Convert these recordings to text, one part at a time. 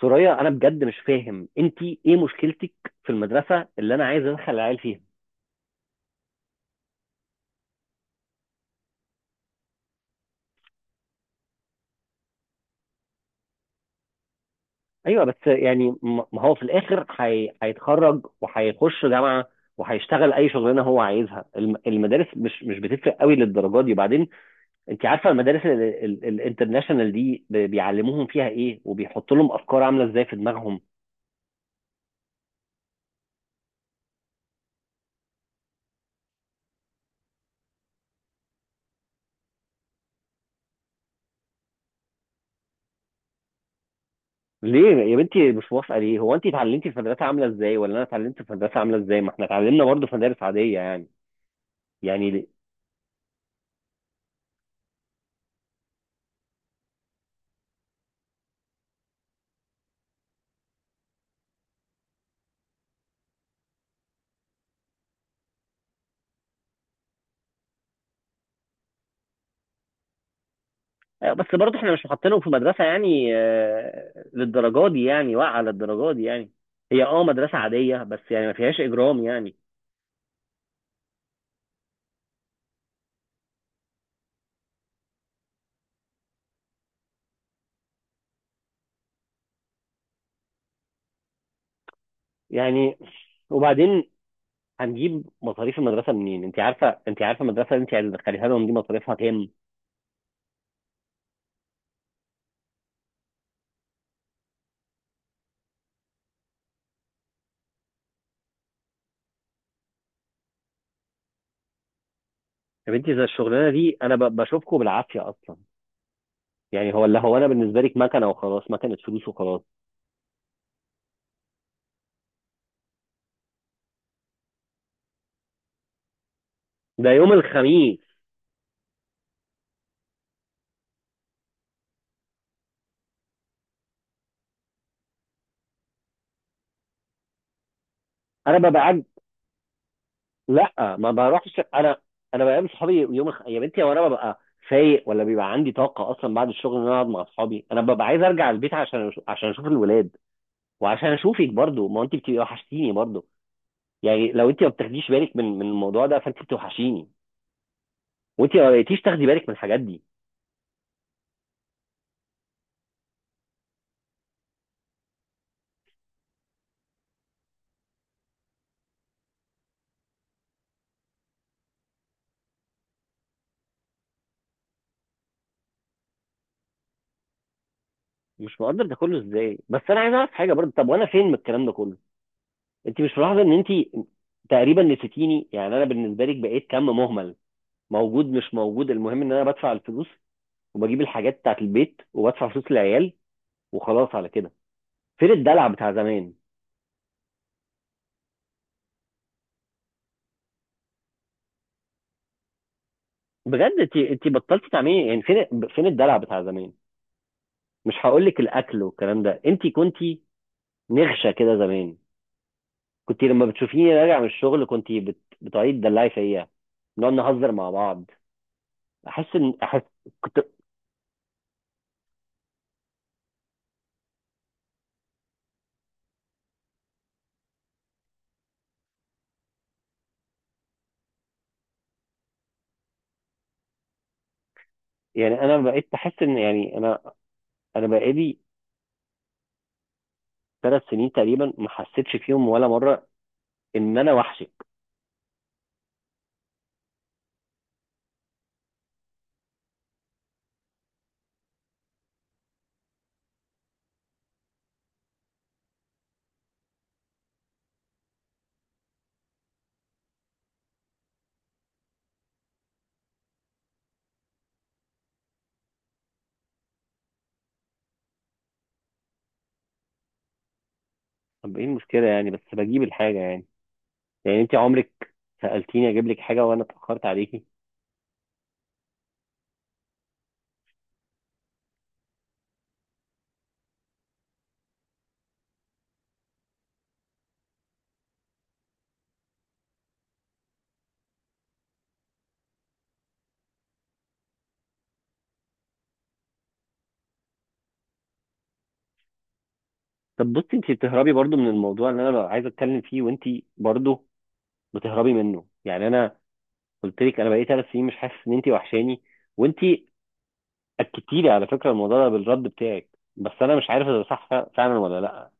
سوريا، انا بجد مش فاهم انت ايه مشكلتك في المدرسه اللي انا عايز ادخل العيال فيها. ايوه، بس يعني ما هو في الاخر هيتخرج وهيخش جامعه، وهيشتغل اي شغلانه هو عايزها. المدارس مش بتفرق قوي للدرجه دي. وبعدين انت عارفه المدارس الانترناشونال دي بيعلموهم فيها ايه، وبيحطوا لهم افكار عامله ازاي في دماغهم. ليه يا بنتي مش موافقه؟ ليه، هو انت اتعلمتي في مدرسه عامله ازاي، ولا انا اتعلمت في مدرسه عامله ازاي؟ ما احنا اتعلمنا برضه في مدارس عاديه يعني. يعني. آه، بس برضه احنا مش محطينهم في مدرسة يعني آه، للدرجة دي، يعني واقعة للدرجة دي يعني. هي مدرسة عادية، بس يعني ما فيهاش إجرام يعني. يعني. وبعدين، هنجيب مصاريف المدرسة منين؟ انت عارفة المدرسة اللي انت هتدخليها لهم دي مصاريفها كام؟ يا بنتي، زي الشغلانة دي انا بشوفكم بالعافية اصلا. يعني هو اللي هو انا بالنسبة لك مكنة وخلاص، مكنة فلوس وخلاص. ده يوم الخميس. انا ببقى قاعد. لا، ما بروحش انا. انا بقابل صحابي يوم يا بنتي، هو انا ببقى فايق، ولا بيبقى عندي طاقه اصلا بعد الشغل ان انا اقعد مع اصحابي؟ انا ببقى عايز ارجع البيت عشان اشوف الولاد، وعشان اشوفك برضو، ما انت بتبقي وحشتيني برضو. يعني لو انت ما بتاخديش بالك من الموضوع ده، فانت بتوحشيني. وانت ما بقيتيش تاخدي بالك من الحاجات دي. مش مقدر ده كله ازاي؟ بس انا عايز اعرف حاجه برضو، طب وانا فين من الكلام ده كله؟ انت مش ملاحظه ان انت تقريبا نسيتيني؟ يعني انا بالنسبه لك بقيت كم مهمل، موجود مش موجود، المهم ان انا بدفع الفلوس وبجيب الحاجات بتاعت البيت وبدفع فلوس العيال وخلاص على كده. فين الدلع بتاع زمان؟ بجد انت بطلتي تعملي. يعني فين الدلع بتاع زمان؟ مش هقول لك الاكل والكلام ده. انت كنتي نغشه كده زمان. كنت لما بتشوفيني راجع من الشغل كنت بتقعدي تدلعي فيا، نقعد نهزر مع بعض. احس. كنت، يعني انا بقيت بحس ان، يعني انا انا بقالي 3 سنين تقريبا ما حسيتش فيهم ولا مره ان انا وحشك. طب ايه المشكله يعني؟ بس بجيب الحاجه يعني. يعني انت عمرك سالتيني اجيب لك حاجه وانا اتاخرت عليكي؟ طب بصي، انت بتهربي برضو من الموضوع اللي انا ببقى عايز اتكلم فيه، وانت برضو بتهربي منه. يعني انا قلت لك انا بقالي 3 سنين مش حاسس ان انت وحشاني، وانت اكدتي لي على فكره الموضوع ده بالرد بتاعك. بس انا مش عارف اذا ده صح فعلا ولا لا.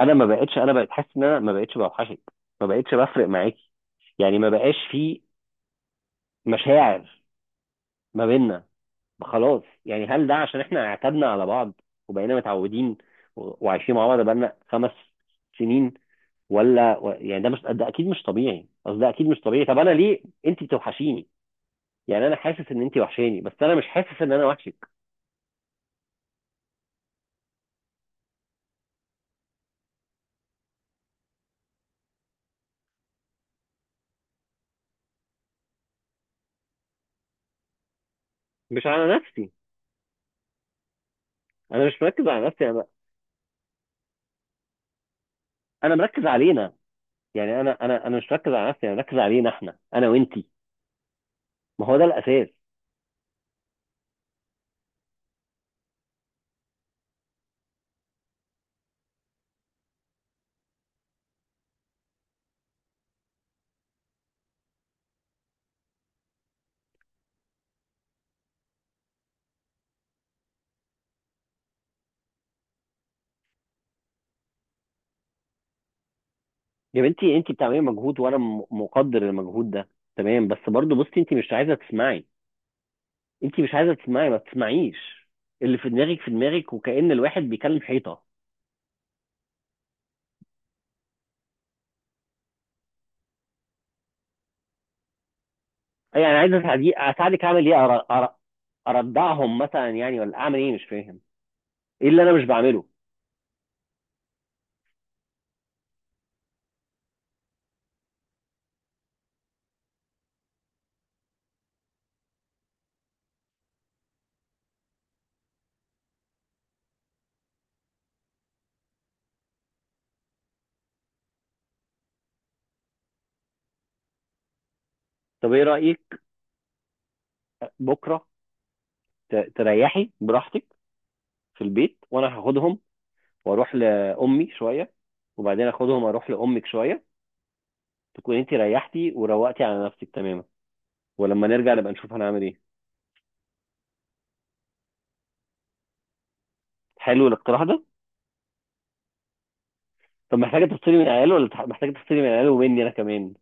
انا ما بقتش، انا بقيت حاسس ان انا ما بقتش بوحشك، ما بقتش بفرق معاكي. يعني ما بقاش في مشاعر ما بيننا، خلاص. يعني هل ده عشان احنا اعتدنا على بعض وبقينا متعودين وعايشين مع بعض بقالنا 5 سنين؟ ولا يعني ده مش، ده اكيد مش طبيعي. قصدي ده اكيد مش طبيعي. طب انا ليه انت بتوحشيني؟ يعني انا حاسس ان انت وحشاني، بس انا مش حاسس ان انا وحشك. مش على نفسي. انا مش مركز على نفسي، انا مركز علينا. يعني انا مش مركز على نفسي، انا مركز علينا احنا، انا وانتي. ما هو ده الاساس. يا بنتي، انت بتعملي مجهود وانا مقدر المجهود ده، تمام. بس برضه بصي، انت مش عايزه تسمعي. انت مش عايزه تسمعي، ما تسمعيش. اللي في دماغك في دماغك، وكأن الواحد بيكلم حيطه. اي انا عايز اساعدك. اساعدك اعمل ايه؟ اردعهم مثلا يعني، ولا اعمل ايه؟ مش فاهم ايه اللي انا مش بعمله. طب ايه رأيك بكره تريحي براحتك في البيت، وانا هاخدهم واروح لامي شويه، وبعدين اخدهم اروح لامك شويه. تكون انت ريحتي وروقتي على نفسك تماما، ولما نرجع نبقى نشوف هنعمل ايه. حلو الاقتراح ده. طب محتاجه تفصلي من العيال، ولا محتاجه تفصلي من العيال ومني انا كمان؟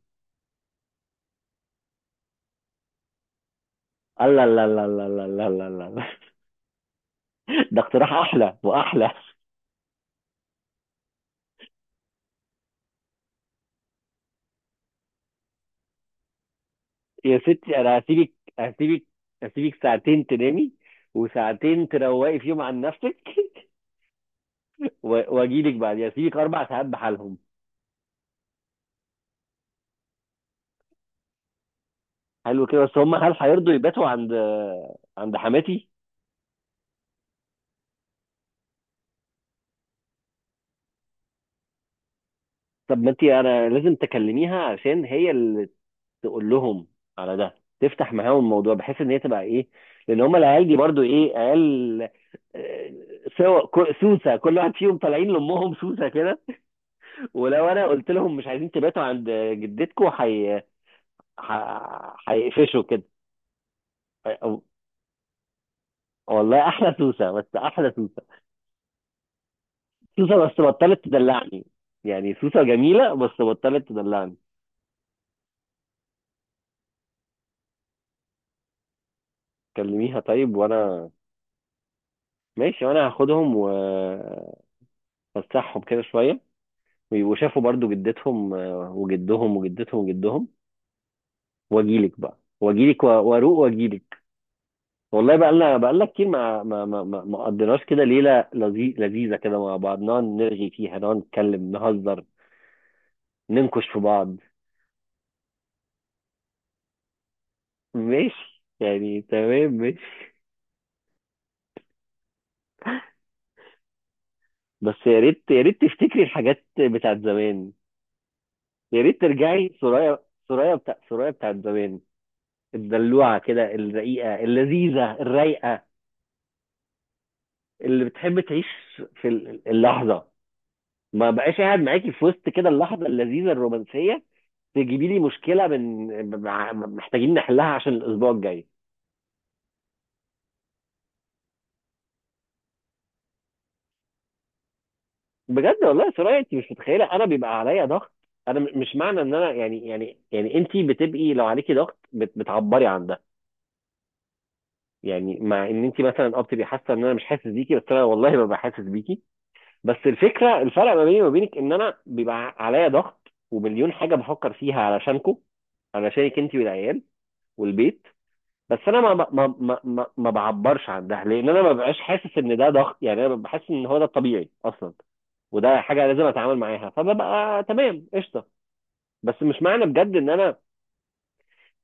الله، الله، الله، الله، الله، الله، الله، الله، الله. ده اقتراح احلى واحلى. يا ستي، انا هسيبك هسيبك ساعتين تنامي، وساعتين تروقي فيهم عن نفسك. واجيلك بعد. يعني هسيبك 4 ساعات بحالهم. حلو كده. بس هم، هل هيرضوا يباتوا عند حماتي؟ طب ما انت، انا لازم تكلميها، عشان هي اللي تقول لهم على ده، تفتح معاهم الموضوع بحيث ان هي تبقى ايه. لان هم العيال دي برضو ايه؟ عيال. آه، سوا سوسه. كل واحد فيهم طالعين لامهم سوسه كده. ولو انا قلت لهم مش عايزين تباتوا عند جدتكم، هيقفشوا كده. أو- والله احلى سوسه، بس احلى سوسه. سوسه بس بطلت تدلعني. يعني سوسه جميله بس بطلت تدلعني. كلميها طيب، وانا. ماشي، وانا هاخدهم وفسحهم كده شويه، وشافوا برضو جدتهم وجدهم وجدتهم وجدهم. واجيلك بقى، واجيلك واروق واجيلك. والله بقى لنا، بقى لنا كتير ما قضيناش كده ليله لذيذه كده مع بعض، نقعد نرغي فيها، نقعد نتكلم نهزر، ننكش في بعض. ماشي يعني، تمام، ماشي. بس يا ريت، يا ريت تفتكري الحاجات بتاعت زمان. يا ريت ترجعي سرايا، سرايا بتاع سرايا بتاعت زمان. الدلوعه كده، الرقيقه اللذيذه الرايقه، اللي بتحب تعيش في اللحظه. ما بقاش قاعد معاكي في وسط كده اللحظه اللذيذه الرومانسيه. تجيبي لي مشكله محتاجين نحلها عشان الاسبوع الجاي. بجد والله يا سرايا، انت مش متخيله انا بيبقى عليا ضغط. انا مش معنى ان انا، يعني انت بتبقي لو عليكي ضغط بتعبري عن ده. يعني مع ان انت مثلا بتبقي حاسه ان انا مش حاسس بيكي، بس انا والله ببقى حاسس بيكي. بس الفكره، الفرق ما بيني وما بينك، ان انا بيبقى عليا ضغط ومليون حاجه بفكر فيها علشانكم، علشانك انت والعيال والبيت. بس انا ما بعبرش عن ده، لان انا ما ببقاش حاسس ان ده ضغط. يعني انا بحس ان هو ده الطبيعي اصلا، وده حاجه لازم اتعامل معاها، فببقى تمام قشطه. بس مش معنى بجد ان انا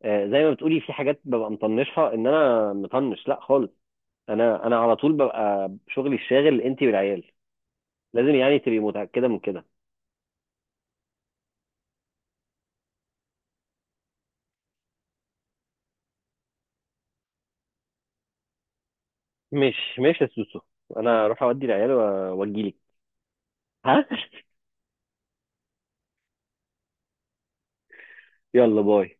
آه، زي ما بتقولي في حاجات ببقى مطنشها، ان انا مطنش. لا خالص. انا على طول ببقى شغلي الشاغل انتي والعيال. لازم يعني تبقي متاكده من كده. مش يا سوسو، انا اروح اودي العيال واجيلك. ها. يلا باي.